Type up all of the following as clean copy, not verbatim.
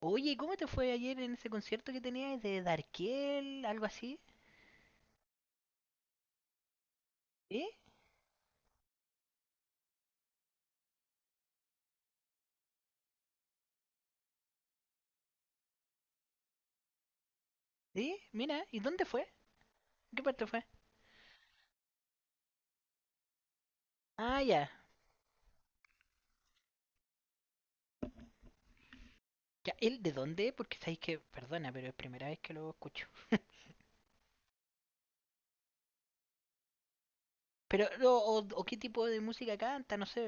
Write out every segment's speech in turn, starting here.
Oye, ¿cómo te fue ayer en ese concierto que tenías de Darkiel, algo así? ¿Eh? ¿Sí? Mira, ¿y dónde fue? ¿Qué parte fue? Ah, ya. Ya, ¿él de dónde? Porque sabéis que, perdona, pero es primera vez que lo escucho. Pero, o, o qué tipo de música canta, no sé.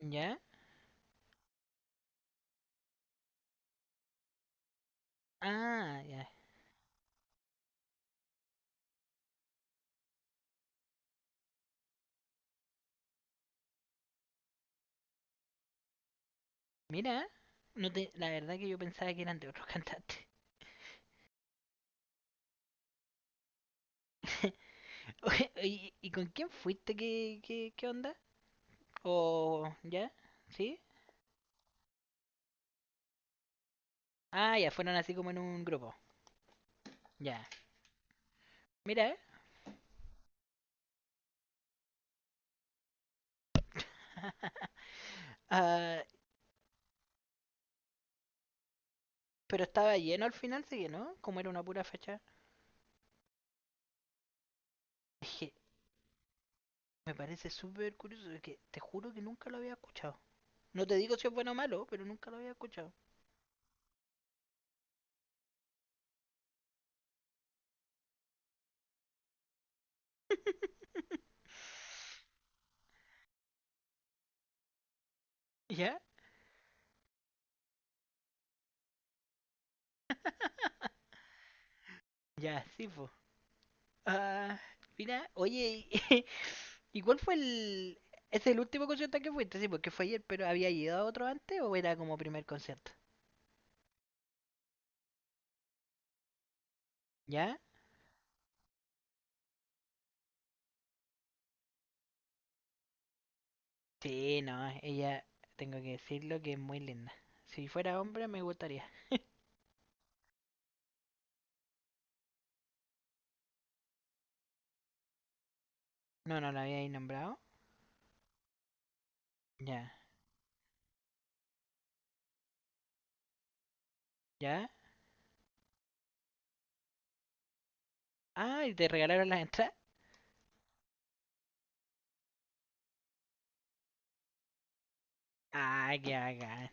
¿Ya? Ah, ya. Mira, no te, la verdad que yo pensaba que eran de otros cantantes. Oye, ¿Y con quién fuiste? ¿Qué onda? ¿O ya? ¿Sí? Ah, ya, fueron así como en un grupo. Ya. Mira, Ah, pero estaba lleno al final, sí que no como era una pura fachada. Es que me parece súper curioso, es que te juro que nunca lo había escuchado. No te digo si es bueno o malo, pero nunca lo había escuchado. ¿Ya? Ya, sí, pues. Mira, oye, y- ¿y cuál fue el... ¿Es el último concierto al que fuiste? Sí, porque fue ayer, pero ¿había ido a otro antes o era como primer concierto? ¿Ya? Sí, no, ella, tengo que decirlo que es muy linda. Si fuera hombre, me gustaría. No, no la había ahí nombrado. Ya, ya. Ah, y te regalaron las entradas. Ah, qué bacán.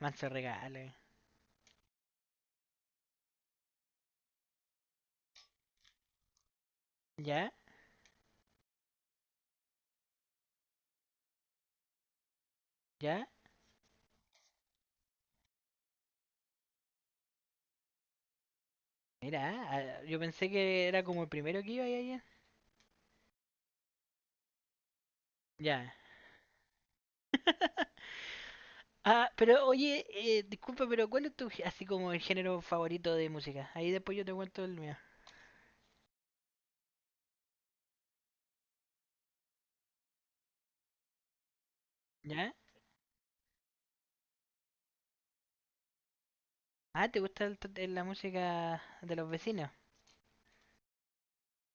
Manso regalo. Ya, ya. Mira, ah, yo pensé que era como el primero que iba ahí ayer. Ya. Ah, pero oye, disculpa, pero ¿cuál es tu, así como el género favorito de música? Ahí después yo te cuento el mío. ¿Ya? Ah, ¿te gusta la música de los vecinos?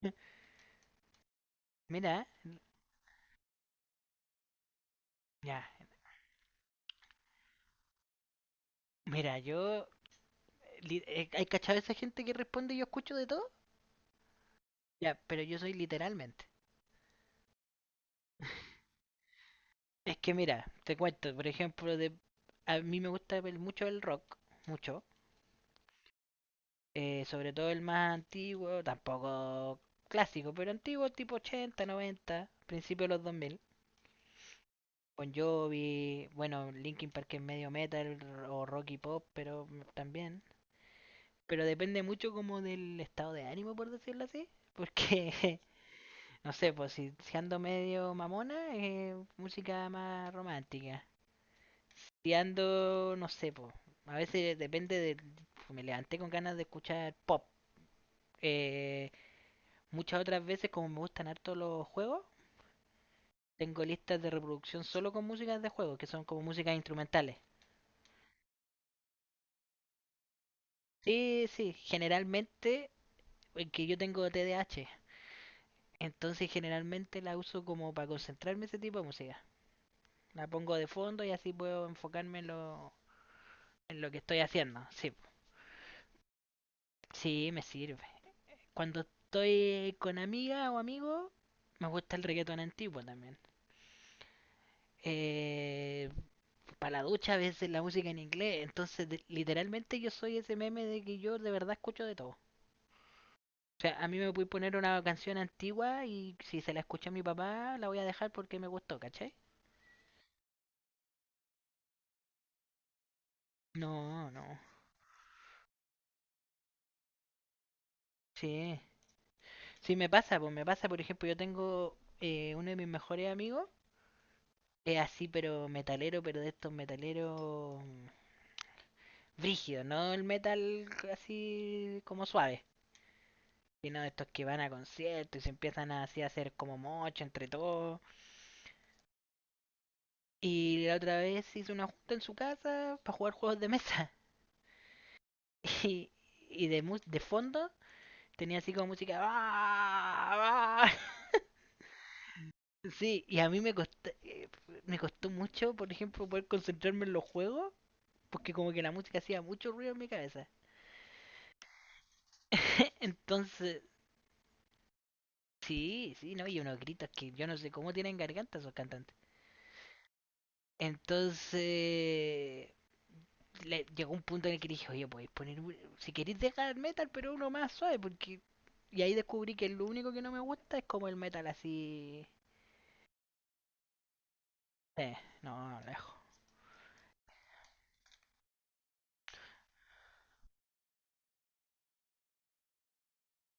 Mira, ya. Mira, yo. ¿Hay cachado esa gente que responde yo escucho de todo? Ya, pero yo soy literalmente. Es que mira, te cuento, por ejemplo, a mí me gusta ver mucho el rock, mucho. Sobre todo el más antiguo, tampoco clásico, pero antiguo tipo 80, 90, principio de los dos mil. Bon Jovi, bueno, Linkin Park es medio metal o rock y pop, pero también. Pero depende mucho como del estado de ánimo, por decirlo así. Porque No sé, pues si ando medio mamona, música más romántica. Si ando, no sé, pues. A veces depende de. Me levanté con ganas de escuchar pop. Eh, muchas otras veces, como me gustan harto los juegos, tengo listas de reproducción solo con músicas de juegos, que son como músicas instrumentales. Sí, sí, generalmente, que yo tengo TDAH entonces generalmente la uso como para concentrarme ese tipo de música. La pongo de fondo y así puedo enfocarme en lo que estoy haciendo, sí. Sí, me sirve. Cuando estoy con amiga o amigo, me gusta el reggaetón antiguo también. Eh, para la ducha a veces la música en inglés, entonces literalmente yo soy ese meme de que yo de verdad escucho de todo. O sea, a mí me voy a poner una canción antigua y si se la escucha a mi papá, la voy a dejar porque me gustó, ¿cachai? No, no. Sí. Sí, me pasa, pues me pasa, por ejemplo, yo tengo uno de mis mejores amigos, es así, pero metalero, pero de estos metaleros brígido, no el metal así como suave, sino estos que van a conciertos y se empiezan a, así a hacer como mocho entre todos. Y la otra vez hice una junta en su casa para jugar juegos de mesa. Y, y de fondo tenía así como música. "Ah, ah". Sí, y a mí me costó mucho, por ejemplo, poder concentrarme en los juegos, porque como que la música hacía mucho ruido en mi cabeza. Entonces, sí, sí, no, y unos gritos que yo no sé cómo tienen garganta esos cantantes. Entonces, llegó un punto en el que dije, oye, podéis poner, si queréis dejar el metal, pero uno más suave, porque... Y ahí descubrí que lo único que no me gusta es como el metal así... Eh, no, no, lejos.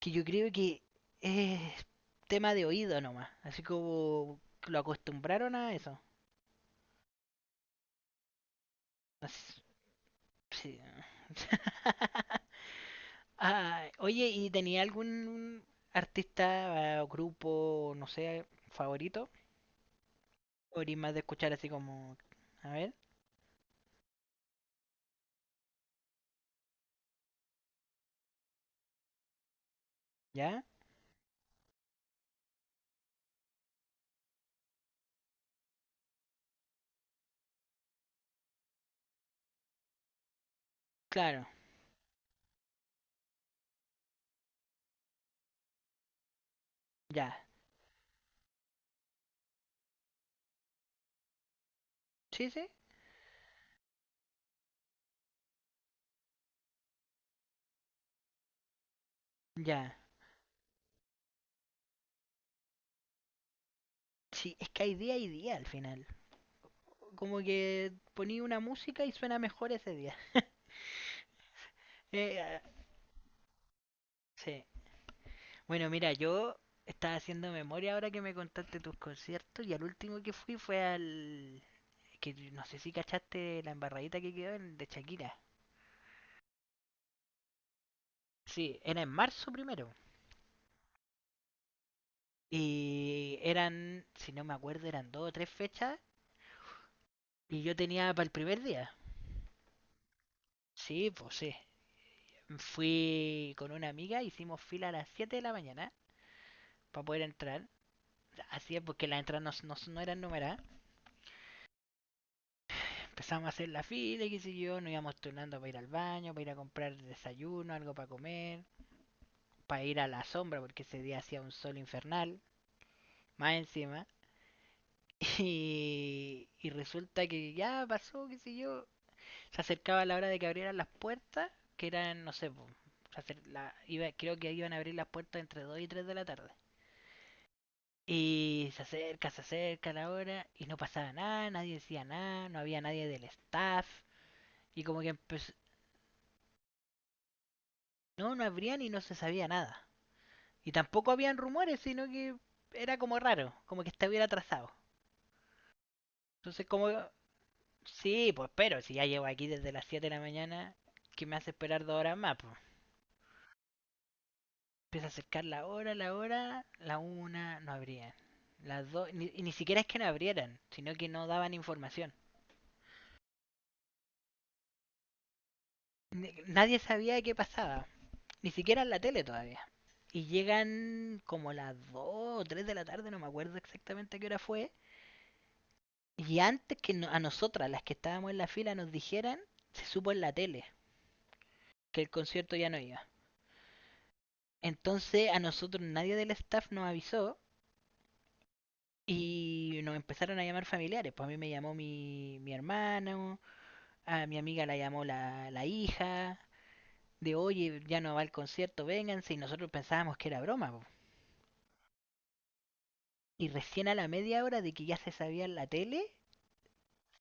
Que yo creo que es tema de oído nomás, así como lo acostumbraron a eso. No sé, sí. Ah, oye, ¿y tenía algún artista o grupo, no sé, favorito? ¿O eres más de escuchar así como... A ver. ¿Ya? Claro, ya. ¿Sí, sí? Ya. Sí, es que hay día y día al final. Como que poní una música y suena mejor ese día. Eh, ah, sí. Bueno, mira, yo estaba haciendo memoria ahora que me contaste tus conciertos y al último que fui fue al... que no sé si cachaste la embarradita que quedó de Shakira. Sí, era en marzo primero. Si no me acuerdo, eran dos o tres fechas y yo tenía para el primer día. Sí, pues sí. Fui con una amiga, hicimos fila a las 7 de la mañana para poder entrar. Así es, porque las entradas no eran numeradas. Empezamos a hacer la fila y qué sé yo, nos íbamos turnando para ir al baño, para ir a comprar desayuno, algo para comer, para ir a la sombra, porque ese día hacía un sol infernal, más encima. Y, y resulta que ya pasó, qué sé yo. Se acercaba la hora de que abrieran las puertas, que eran, no sé, po, creo que iban a abrir las puertas entre 2 y 3 de la tarde. Y se acerca la hora y no pasaba nada, nadie decía nada, no había nadie del staff. Y como que empezó... No, no abrían y no se sabía nada. Y tampoco habían rumores, sino que era como raro, como que estuviera atrasado. Entonces como... Sí, pues pero si ya llevo aquí desde las 7 de la mañana, que me hace esperar 2 horas más. Pues. Empieza a acercar la hora, la hora, la una, no abrían. Las dos, ni, y ni siquiera es que no abrieran, sino que no daban información. Nadie sabía de qué pasaba. Ni siquiera en la tele todavía. Y llegan como las 2 o 3 de la tarde, no me acuerdo exactamente a qué hora fue. Y antes que a nosotras, las que estábamos en la fila, nos dijeran, se supo en la tele que el concierto ya no iba. Entonces a nosotros nadie del staff nos avisó y nos empezaron a llamar familiares. Pues a mí me llamó mi hermano, a mi amiga la llamó la hija, de oye, ya no va el concierto, vénganse. Y nosotros pensábamos que era broma. Po. Y recién a la media hora de que ya se sabía en la tele,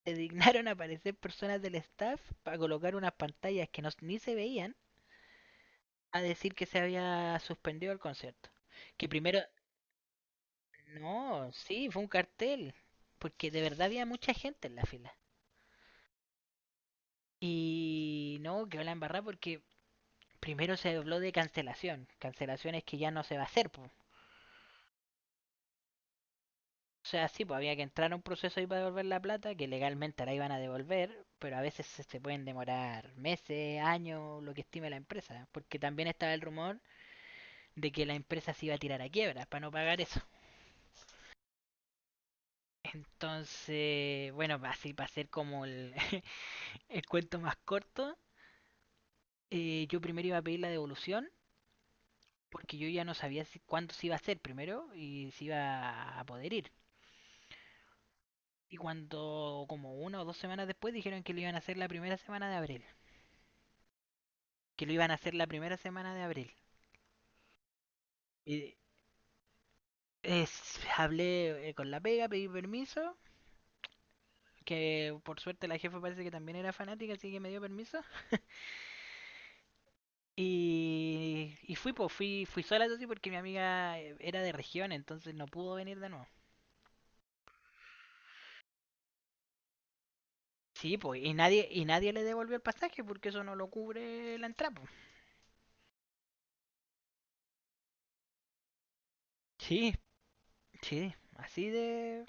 se dignaron a aparecer personas del staff para colocar unas pantallas que no, ni se veían a decir que se había suspendido el concierto. Que primero, no, sí, fue un cartel, porque de verdad había mucha gente en la fila. Y no, quedó la embarrada porque primero se habló de cancelación, cancelaciones que ya no se va a hacer. Po. O sea, sí, pues había que entrar a un proceso ahí para devolver la plata, que legalmente la iban a devolver, pero a veces se pueden demorar meses, años, lo que estime la empresa. Porque también estaba el rumor de que la empresa se iba a tirar a quiebra para no pagar eso. Entonces, bueno, así para hacer como el, el cuento más corto, yo primero iba a pedir la devolución porque yo ya no sabía cuánto se iba a hacer primero y si iba a poder ir. Y cuando, como una o dos semanas después, dijeron que lo iban a hacer la primera semana de abril. Que lo iban a hacer la primera semana de abril. Y hablé con la pega, pedí permiso. Que por suerte la jefa parece que también era fanática, así que me dio permiso. Y fui, pues, fui sola eso sí, porque mi amiga era de región, entonces no pudo venir de nuevo. Sí, pues, y nadie le devolvió el pasaje porque eso no lo cubre la entrada. Po. Sí, sí,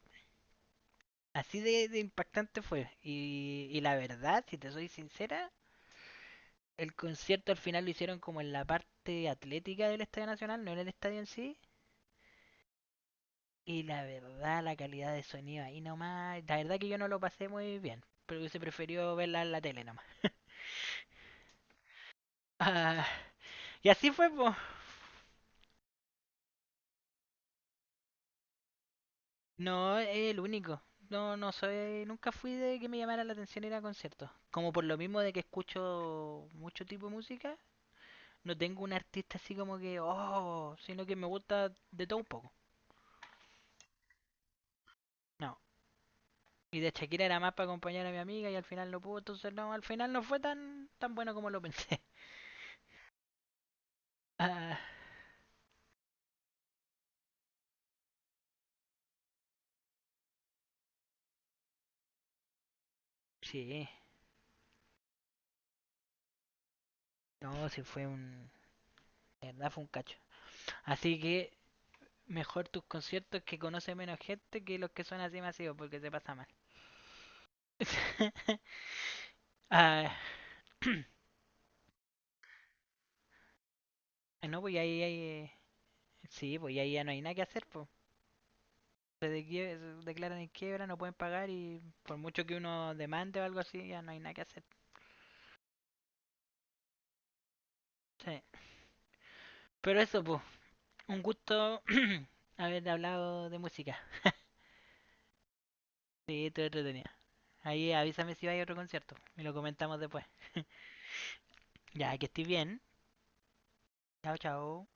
así de impactante fue. Y la verdad, si te soy sincera, el concierto al final lo hicieron como en la parte atlética del Estadio Nacional, no en el estadio en sí. Y la verdad, la calidad de sonido ahí nomás, la verdad que yo no lo pasé muy bien, pero hubiese preferido verla en la tele nomás. Ah, y así fue, po. No es el único. No, no soy, nunca fui de que me llamara la atención ir a conciertos. Como por lo mismo de que escucho mucho tipo de música, no tengo un artista así como que, oh, sino que me gusta de todo un poco. No. Y de Shakira era más para acompañar a mi amiga y al final no pudo, entonces no, al final no fue tan, tan bueno como lo pensé. Ah, sí, no, de verdad fue un cacho. Así que mejor tus conciertos que conoce menos gente que los que son así masivos, porque se pasa mal. Ah, no, pues ahí, sí, pues ahí ya no hay nada que hacer, pues. Se, se declaran en quiebra, no pueden pagar y por mucho que uno demande o algo así, ya no hay nada que hacer. Sí. Pero eso, pues, un gusto haber hablado de música. Sí, estuvo entretenida. Ahí avísame si va a otro concierto y lo comentamos después. Ya, que estés bien. Chao, chao.